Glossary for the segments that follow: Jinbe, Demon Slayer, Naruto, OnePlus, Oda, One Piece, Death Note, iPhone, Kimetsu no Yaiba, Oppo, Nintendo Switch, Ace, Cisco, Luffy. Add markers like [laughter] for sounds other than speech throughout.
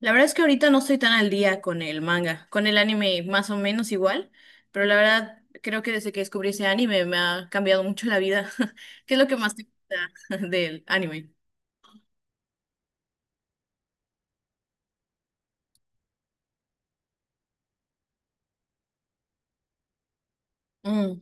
La verdad es que ahorita no estoy tan al día con el manga, con el anime más o menos igual, pero la verdad creo que desde que descubrí ese anime me ha cambiado mucho la vida. [laughs] ¿Qué es lo que más te gusta [laughs] del anime? Mm,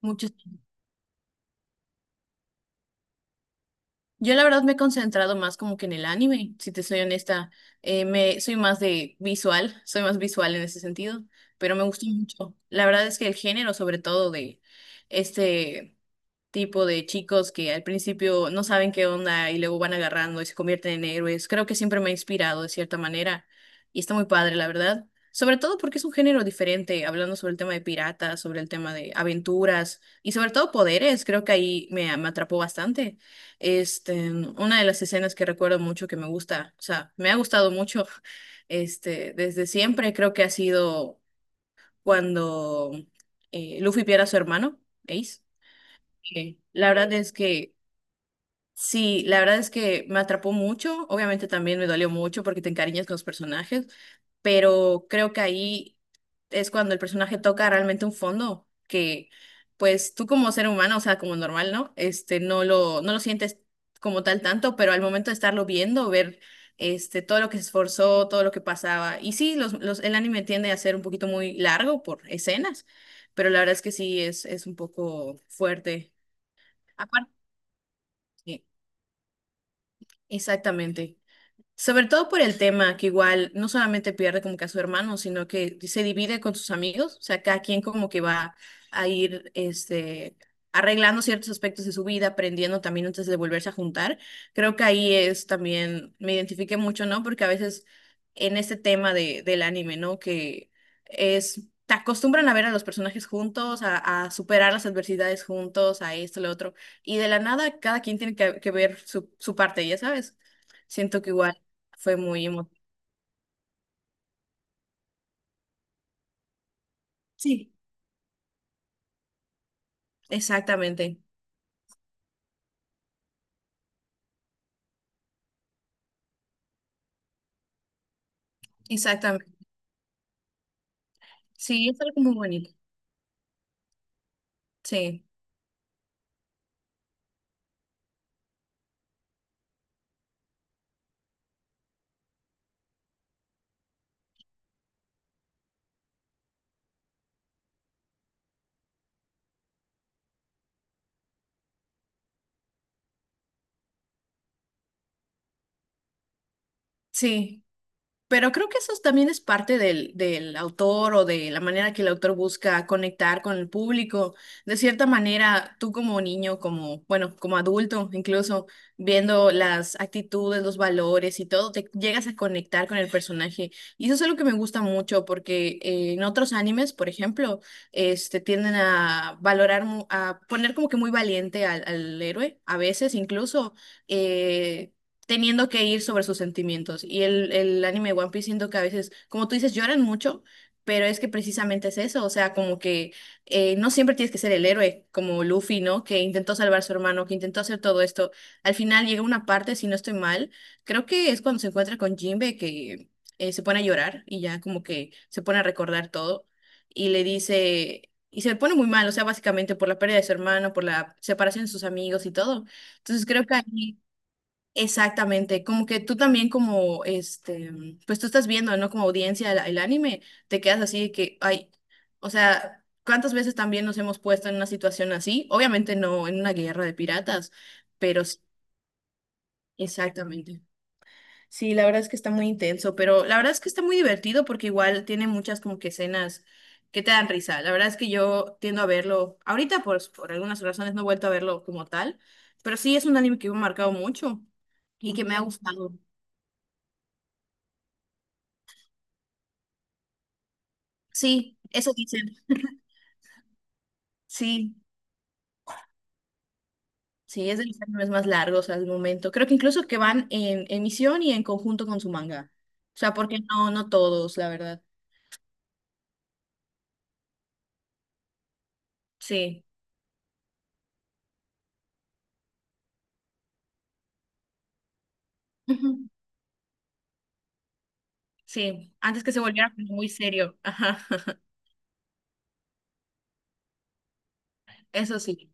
muchos. Yo la verdad me he concentrado más como que en el anime, si te soy honesta, me soy más de visual, soy más visual en ese sentido, pero me gusta mucho. La verdad es que el género, sobre todo de este tipo de chicos que al principio no saben qué onda y luego van agarrando y se convierten en héroes. Creo que siempre me ha inspirado de cierta manera y está muy padre, la verdad. Sobre todo porque es un género diferente, hablando sobre el tema de piratas, sobre el tema de aventuras y sobre todo poderes, creo que ahí me atrapó bastante. Una de las escenas que recuerdo mucho que me gusta, o sea, me ha gustado mucho, [laughs] desde siempre creo que ha sido cuando Luffy pierde a su hermano, Ace, que la verdad es que sí, la verdad es que me atrapó mucho. Obviamente también me dolió mucho porque te encariñas con los personajes, pero creo que ahí es cuando el personaje toca realmente un fondo que, pues tú como ser humano, o sea, como normal, ¿no? No lo sientes como tal tanto, pero al momento de estarlo viendo, ver todo lo que se esforzó, todo lo que pasaba. Y sí, el anime tiende a ser un poquito muy largo por escenas, pero la verdad es que sí es un poco fuerte. E- Exactamente. Sobre todo por el tema que igual no solamente pierde como que a su hermano, sino que se divide con sus amigos, o sea, cada quien como que va a ir arreglando ciertos aspectos de su vida, aprendiendo también antes de volverse a juntar. Creo que ahí es también, me identifiqué mucho, ¿no? Porque a veces en este tema del anime, ¿no? Te acostumbran a ver a los personajes juntos, a superar las adversidades juntos, a esto, lo otro, y de la nada cada quien tiene que ver su parte, ya sabes. Siento que igual fue muy emotivo. Sí, exactamente, exactamente. Sí, fue algo muy bonito. Sí, sí. Pero creo que eso también es parte del autor o de la manera que el autor busca conectar con el público. De cierta manera, tú como niño, como, bueno, como adulto, incluso viendo las actitudes, los valores y todo, te llegas a conectar con el personaje. Y eso es algo que me gusta mucho porque en otros animes, por ejemplo, tienden a valorar, a poner como que muy valiente al héroe, a veces incluso. eh, teniendo que ir sobre sus sentimientos. Y el anime de One Piece siento que a veces, como tú dices, lloran mucho, pero es que precisamente es eso, o sea, como que no siempre tienes que ser el héroe, como Luffy, ¿no? Que intentó salvar a su hermano, que intentó hacer todo esto. Al final llega una parte, si no estoy mal, creo que es cuando se encuentra con Jinbe que se pone a llorar y ya como que se pone a recordar todo y le dice... Y se pone muy mal, o sea, básicamente por la pérdida de su hermano, por la separación de sus amigos y todo. Entonces creo que ahí. Exactamente, como que tú también como, pues tú estás viendo, ¿no? Como audiencia el anime, te quedas así de que, ay, o sea, ¿cuántas veces también nos hemos puesto en una situación así? Obviamente no en una guerra de piratas, pero sí, exactamente. Sí, la verdad es que está muy intenso, pero la verdad es que está muy divertido porque igual tiene muchas como que escenas que te dan risa. La verdad es que yo tiendo a verlo, ahorita por algunas razones no he vuelto a verlo como tal, pero sí es un anime que me ha marcado mucho y que me ha gustado. Sí, eso dicen. Sí, sí, es de los animes más largos al momento. Creo que incluso que van en emisión y en conjunto con su manga. O sea, porque no, no todos, la verdad. Sí. Ujú. Sí, antes que se volviera como muy serio. Ajá. [laughs] Eso sí,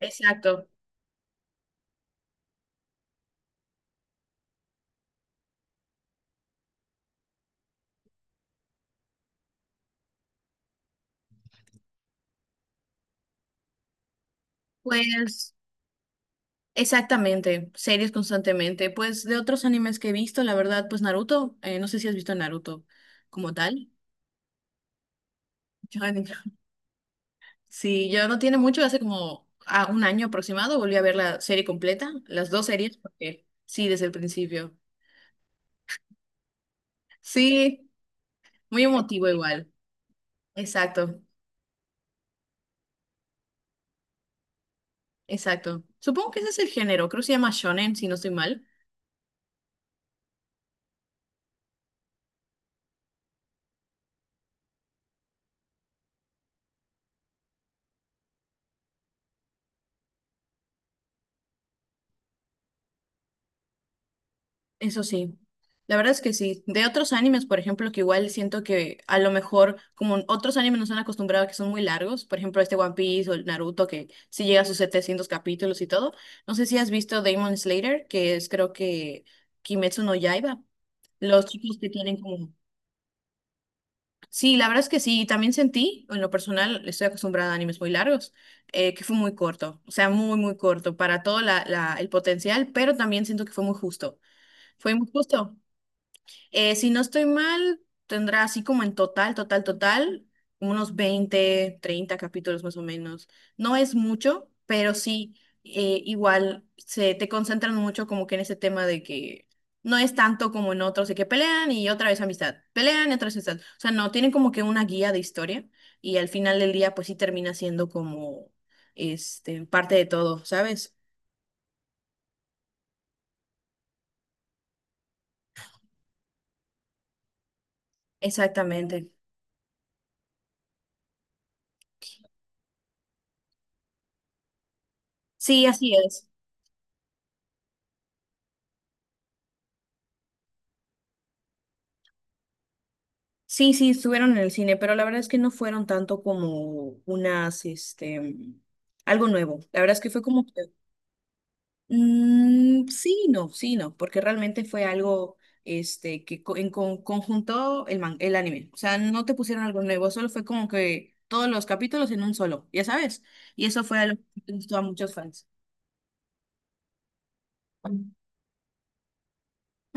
exacto. Pues, exactamente, series constantemente. Pues de otros animes que he visto, la verdad, pues Naruto, no sé si has visto Naruto como tal. [laughs] Sí, yo no tiene mucho, hace como a un año aproximado volví a ver la serie completa, las dos series, porque sí, desde el principio. Sí, muy emotivo igual. Exacto, exacto. Supongo que ese es el género, creo que se llama shonen, si no estoy mal. Eso sí, la verdad es que sí. De otros animes, por ejemplo, que igual siento que a lo mejor, como otros animes nos han acostumbrado a que son muy largos, por ejemplo, este One Piece o el Naruto, que sí llega a sus 700 capítulos y todo. No sé si has visto Demon Slayer, que es creo que Kimetsu no Yaiba. Los chicos que tienen como... Sí, la verdad es que sí, y también sentí, en lo personal, estoy acostumbrada a animes muy largos, que fue muy corto, o sea, muy, muy corto para todo el potencial, pero también siento que fue muy justo. Fue muy justo. Si no estoy mal, tendrá así como en total, total, total, unos 20 30 capítulos más o menos. No es mucho, pero sí, igual se te concentran mucho como que en ese tema de que no es tanto como en otros, de que pelean y otra vez amistad, pelean y otra vez amistad. O sea, no, tienen como que una guía de historia y al final del día pues sí termina siendo como parte de todo, ¿sabes? Exactamente. Sí, así es. Sí, sí, estuvieron en el cine, pero la verdad es que no fueron tanto como unas, algo nuevo. La verdad es que fue como que, sí, no, sí, no, porque realmente fue algo, que conjuntó el anime. O sea, no te pusieron algo nuevo, solo fue como que todos los capítulos en un solo, ya sabes. Y eso fue algo que gustó a muchos fans.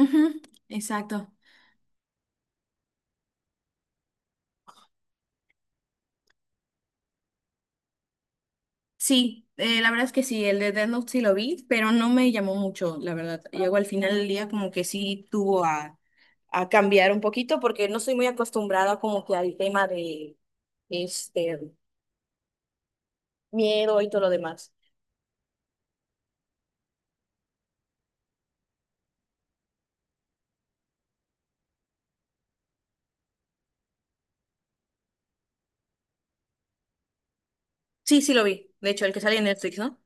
Ujú, exacto. Sí, la verdad es que sí, el de Death Note sí lo vi, pero no me llamó mucho, la verdad. Llegó al final del día como que sí tuvo a cambiar un poquito porque no soy muy acostumbrada como que al tema de este miedo y todo lo demás. Sí, sí lo vi. De hecho, el que sale en Netflix, ¿no?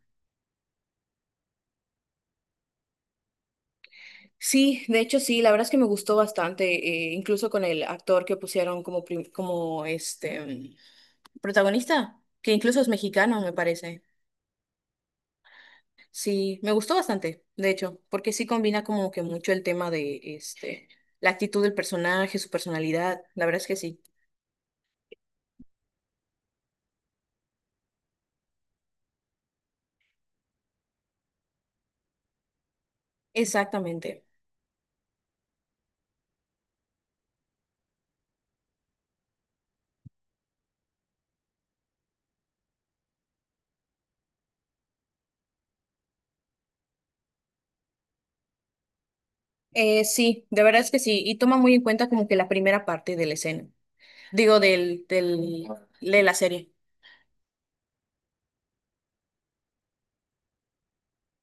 Sí, de hecho sí, la verdad es que me gustó bastante, incluso con el actor que pusieron como, protagonista, que incluso es mexicano, me parece. Sí, me gustó bastante, de hecho, porque sí combina como que mucho el tema de la actitud del personaje, su personalidad, la verdad es que sí. Exactamente. Sí, de verdad es que sí, y toma muy en cuenta como que la primera parte de la escena, digo, de la serie.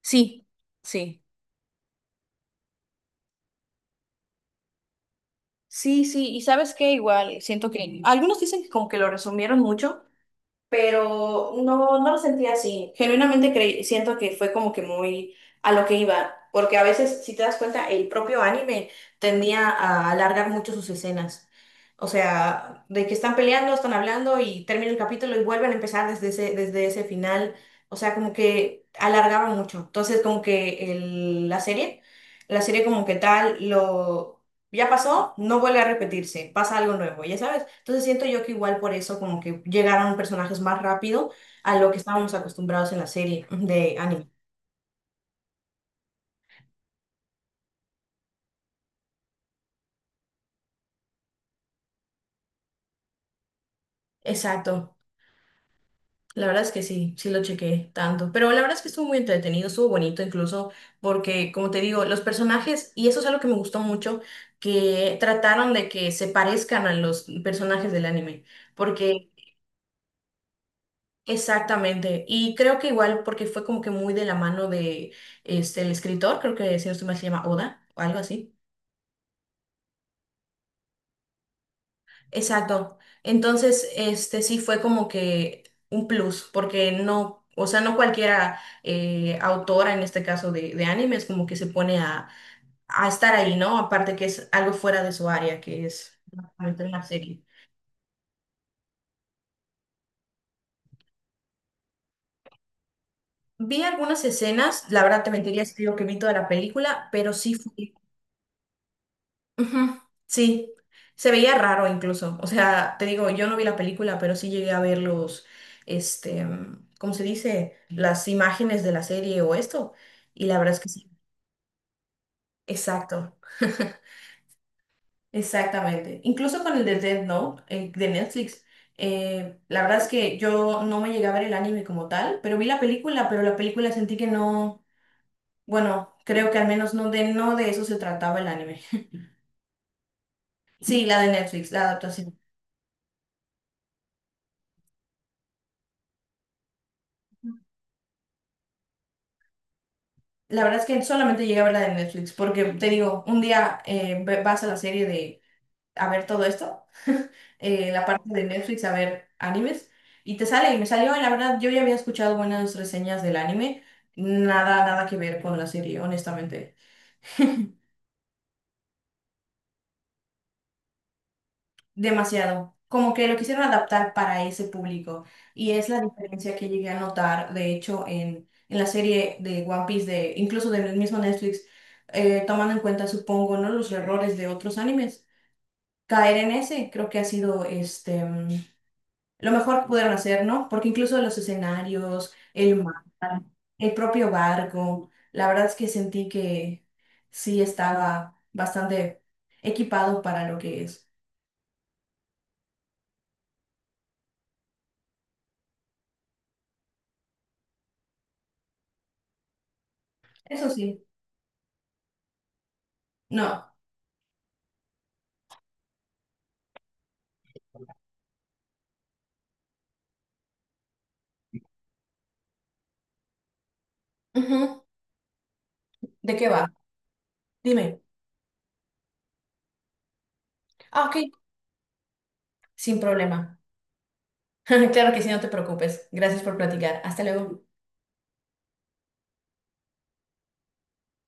Sí, sí. Sí, sí, y sabes qué, igual, siento que algunos dicen que como que lo resumieron mucho, pero no, no lo sentía así. Genuinamente siento que fue como que muy a lo que iba, porque a veces, si te das cuenta, el propio anime tendía a alargar mucho sus escenas. O sea, de que están peleando, están hablando y termina el capítulo y vuelven a empezar desde ese final. O sea, como que alargaba mucho. Entonces, como que la serie como que tal lo... Ya pasó, no vuelve a repetirse, pasa algo nuevo, ya sabes. Entonces siento yo que igual por eso como que llegaron personajes más rápido a lo que estábamos acostumbrados en la serie de anime. Exacto. La verdad es que sí, sí lo chequé tanto. Pero la verdad es que estuvo muy entretenido, estuvo bonito incluso, porque como te digo, los personajes, y eso es algo que me gustó mucho, que trataron de que se parezcan a los personajes del anime. Porque exactamente, y creo que igual porque fue como que muy de la mano de el escritor, creo que si no estoy mal se llama Oda o algo así. Exacto. Entonces, sí fue como que un plus, porque no, o sea, no cualquiera autora en este caso de animes como que se pone a estar ahí, ¿no? Aparte que es algo fuera de su área, que es básicamente una serie. Vi algunas escenas, la verdad te mentiría si te digo que vi toda la película, pero sí fue. Ujú, sí. Se veía raro incluso. O sea, te digo, yo no vi la película, pero sí llegué a ver los, ¿cómo se dice? Las imágenes de la serie o esto. Y la verdad es que sí. Exacto, [laughs] exactamente. Incluso con el de Death Note, de Netflix. La verdad es que yo no me llegué a ver el anime como tal, pero vi la película, pero la película sentí que no, bueno, creo que al menos no de eso se trataba el anime. [laughs] Sí, la de Netflix, la adaptación. La verdad es que solamente llegué a ver la de Netflix, porque te digo, un día vas a la serie de a ver todo esto, la parte de Netflix a ver animes, y te sale, y me salió, y la verdad, yo ya había escuchado buenas reseñas del anime, nada, nada que ver con la serie, honestamente. Demasiado. Como que lo quisieron adaptar para ese público, y es la diferencia que llegué a notar, de hecho, en la serie de One Piece, incluso del mismo Netflix, tomando en cuenta, supongo, ¿no? los errores de otros animes caer en ese, creo que ha sido lo mejor que pudieron hacer, ¿no? Porque incluso los escenarios, el mar, el propio barco, la verdad es que sentí que sí estaba bastante equipado para lo que es. Eso sí, no. Ujú. ¿De qué va? Dime. Ah, ok, sin problema. [laughs] Claro que sí, no te preocupes. Gracias por platicar. Hasta luego.